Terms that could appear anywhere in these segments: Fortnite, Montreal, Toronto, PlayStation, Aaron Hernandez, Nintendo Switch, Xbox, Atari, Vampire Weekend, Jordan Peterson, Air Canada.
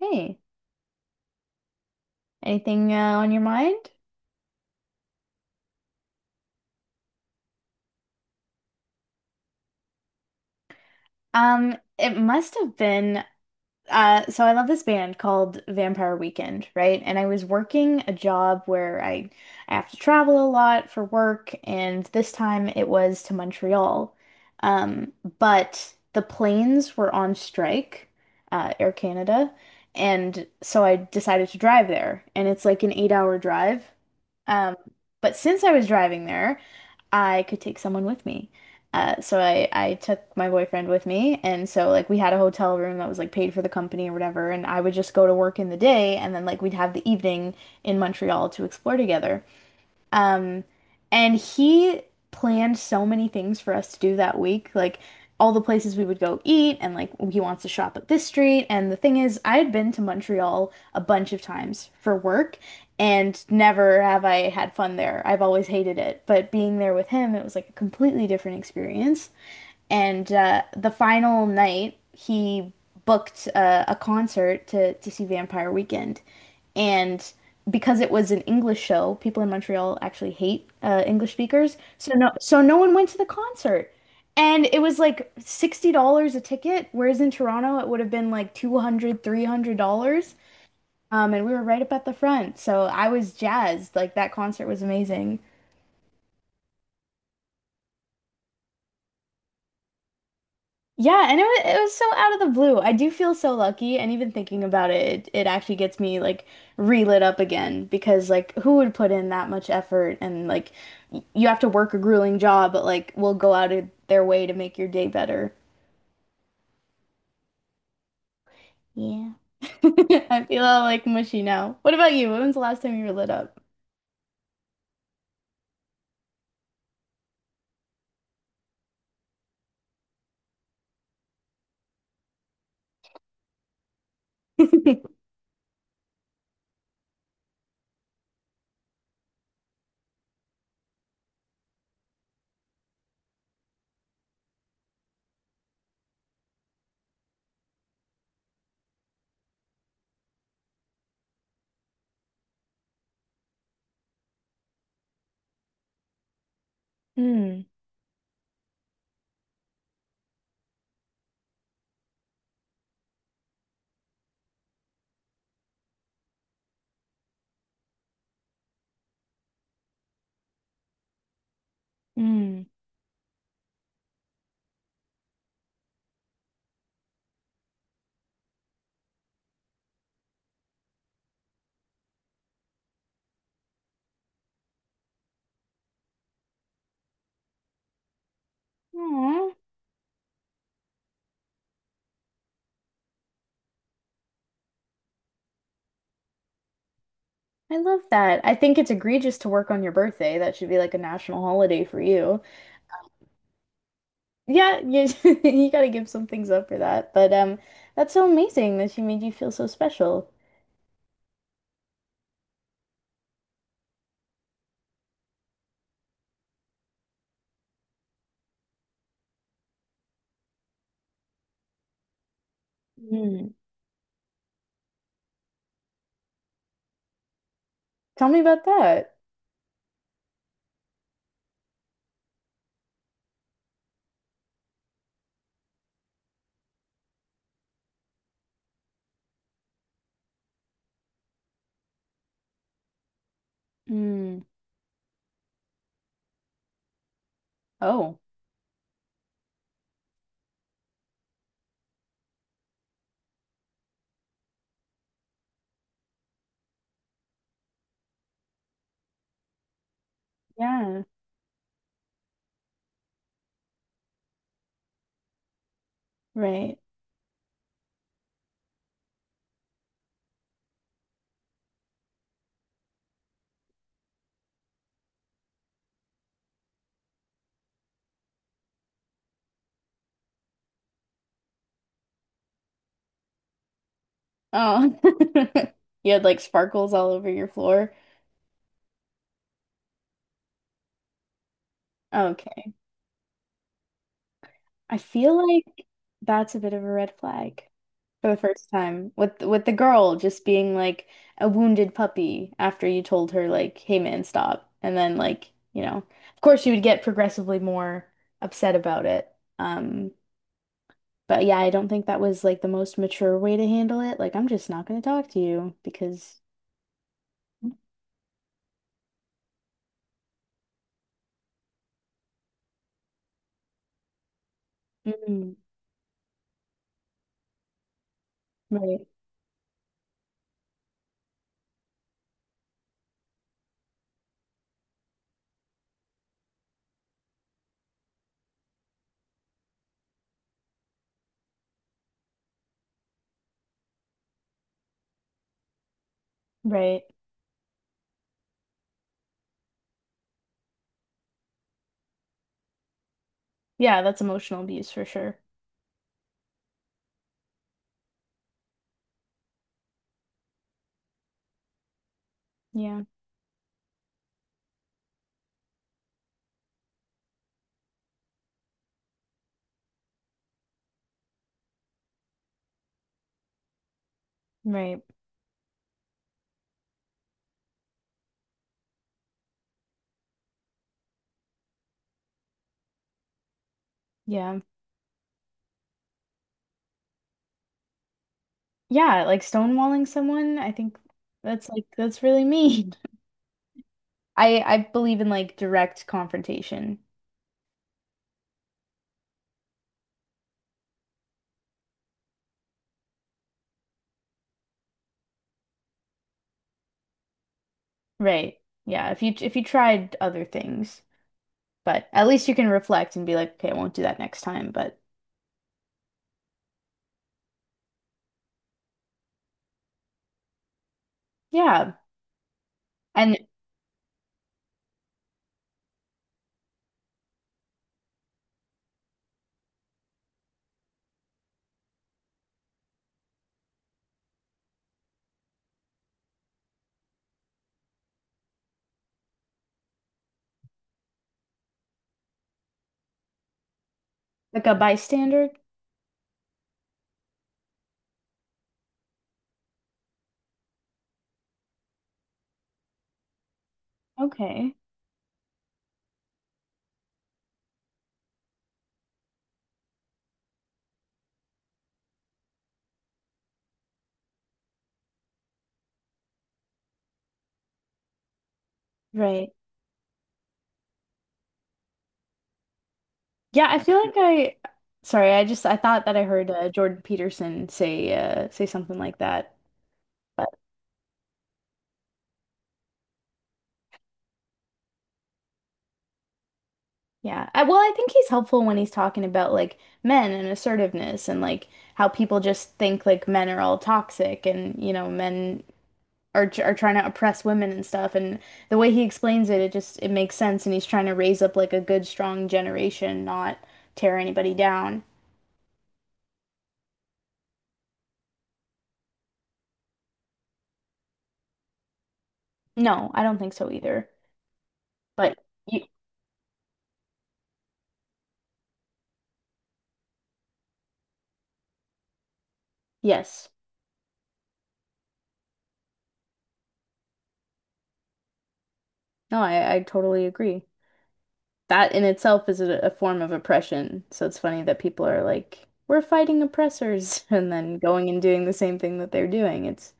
Hey, anything on your mind? It must have been so I love this band called Vampire Weekend, right? And I was working a job where I have to travel a lot for work, and this time it was to Montreal. Um, but the planes were on strike, Air Canada, and so I decided to drive there. And it's like an eight-hour drive. Um, but since I was driving there, I could take someone with me. So I took my boyfriend with me, and so like we had a hotel room that was like paid for the company or whatever, and I would just go to work in the day, and then like we'd have the evening in Montreal to explore together. Um, and he planned so many things for us to do that week, like all the places we would go eat, and like he wants to shop at this street. And the thing is, I had been to Montreal a bunch of times for work, and never have I had fun there. I've always hated it. But being there with him, it was like a completely different experience. And the final night, he booked a concert to see Vampire Weekend. And because it was an English show, people in Montreal actually hate English speakers. So no one went to the concert. And it was like $60 a ticket, whereas in Toronto it would have been like 200, $300. And we were right up at the front. So I was jazzed. Like that concert was amazing. Yeah, and it was so out of the blue. I do feel so lucky, and even thinking about it, it actually gets me like relit up again because like who would put in that much effort and like you have to work a grueling job, but like will go out of their way to make your day better. Yeah. I feel all like mushy now. What about you? When was the last time you were lit up? Mm, mm. Aw, I love that. I think it's egregious to work on your birthday. That should be like a national holiday for you. Yeah, you you gotta give some things up for that. But that's so amazing that she made you feel so special. Mm. Tell me about that. Mm. Oh, yeah, right. Oh, you had like sparkles all over your floor. Okay. I feel like that's a bit of a red flag for the first time with the girl just being like a wounded puppy after you told her like, "Hey man, stop." And then like, you know, of course she would get progressively more upset about it. Um, but yeah, I don't think that was like the most mature way to handle it. Like, I'm just not going to talk to you because Mm, right, right. Yeah, that's emotional abuse for sure. Yeah, right. Yeah. Yeah, like stonewalling someone, I think that's like that's really mean. I believe in like direct confrontation. Right. Yeah, if you tried other things, but at least you can reflect and be like, okay, I won't do that next time. But yeah, and like a bystander, okay. Right. Yeah, I feel like I sorry, I just I thought that I heard Jordan Peterson say say something like that. Yeah. I, well, I think he's helpful when he's talking about like men and assertiveness and like how people just think like men are all toxic and you know men are trying to oppress women and stuff and the way he explains it it just it makes sense and he's trying to raise up like a good strong generation, not tear anybody down. No, I don't think so either. But you, yes. No, I totally agree. That in itself is a form of oppression. So it's funny that people are like, we're fighting oppressors, and then going and doing the same thing that they're doing. It's,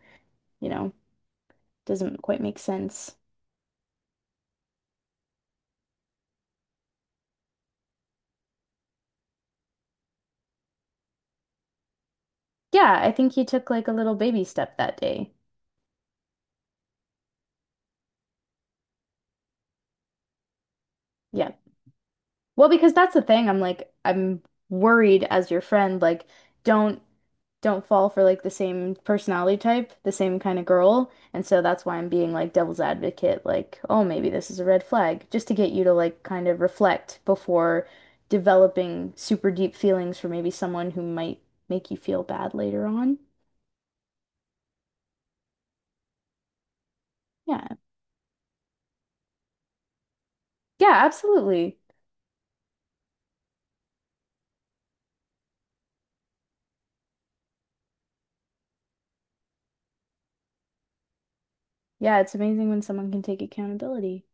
you know, doesn't quite make sense. Yeah, I think he took like a little baby step that day. Yeah. Well, because that's the thing. I'm like, I'm worried as your friend, like, don't don't fall for like the same personality type, the same kind of girl. And so that's why I'm being like devil's advocate, like, oh, maybe this is a red flag, just to get you to like kind of reflect before developing super deep feelings for maybe someone who might make you feel bad later on. Yeah. Yeah, absolutely. Yeah, it's amazing when someone can take accountability.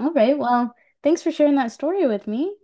All right. Well, thanks for sharing that story with me.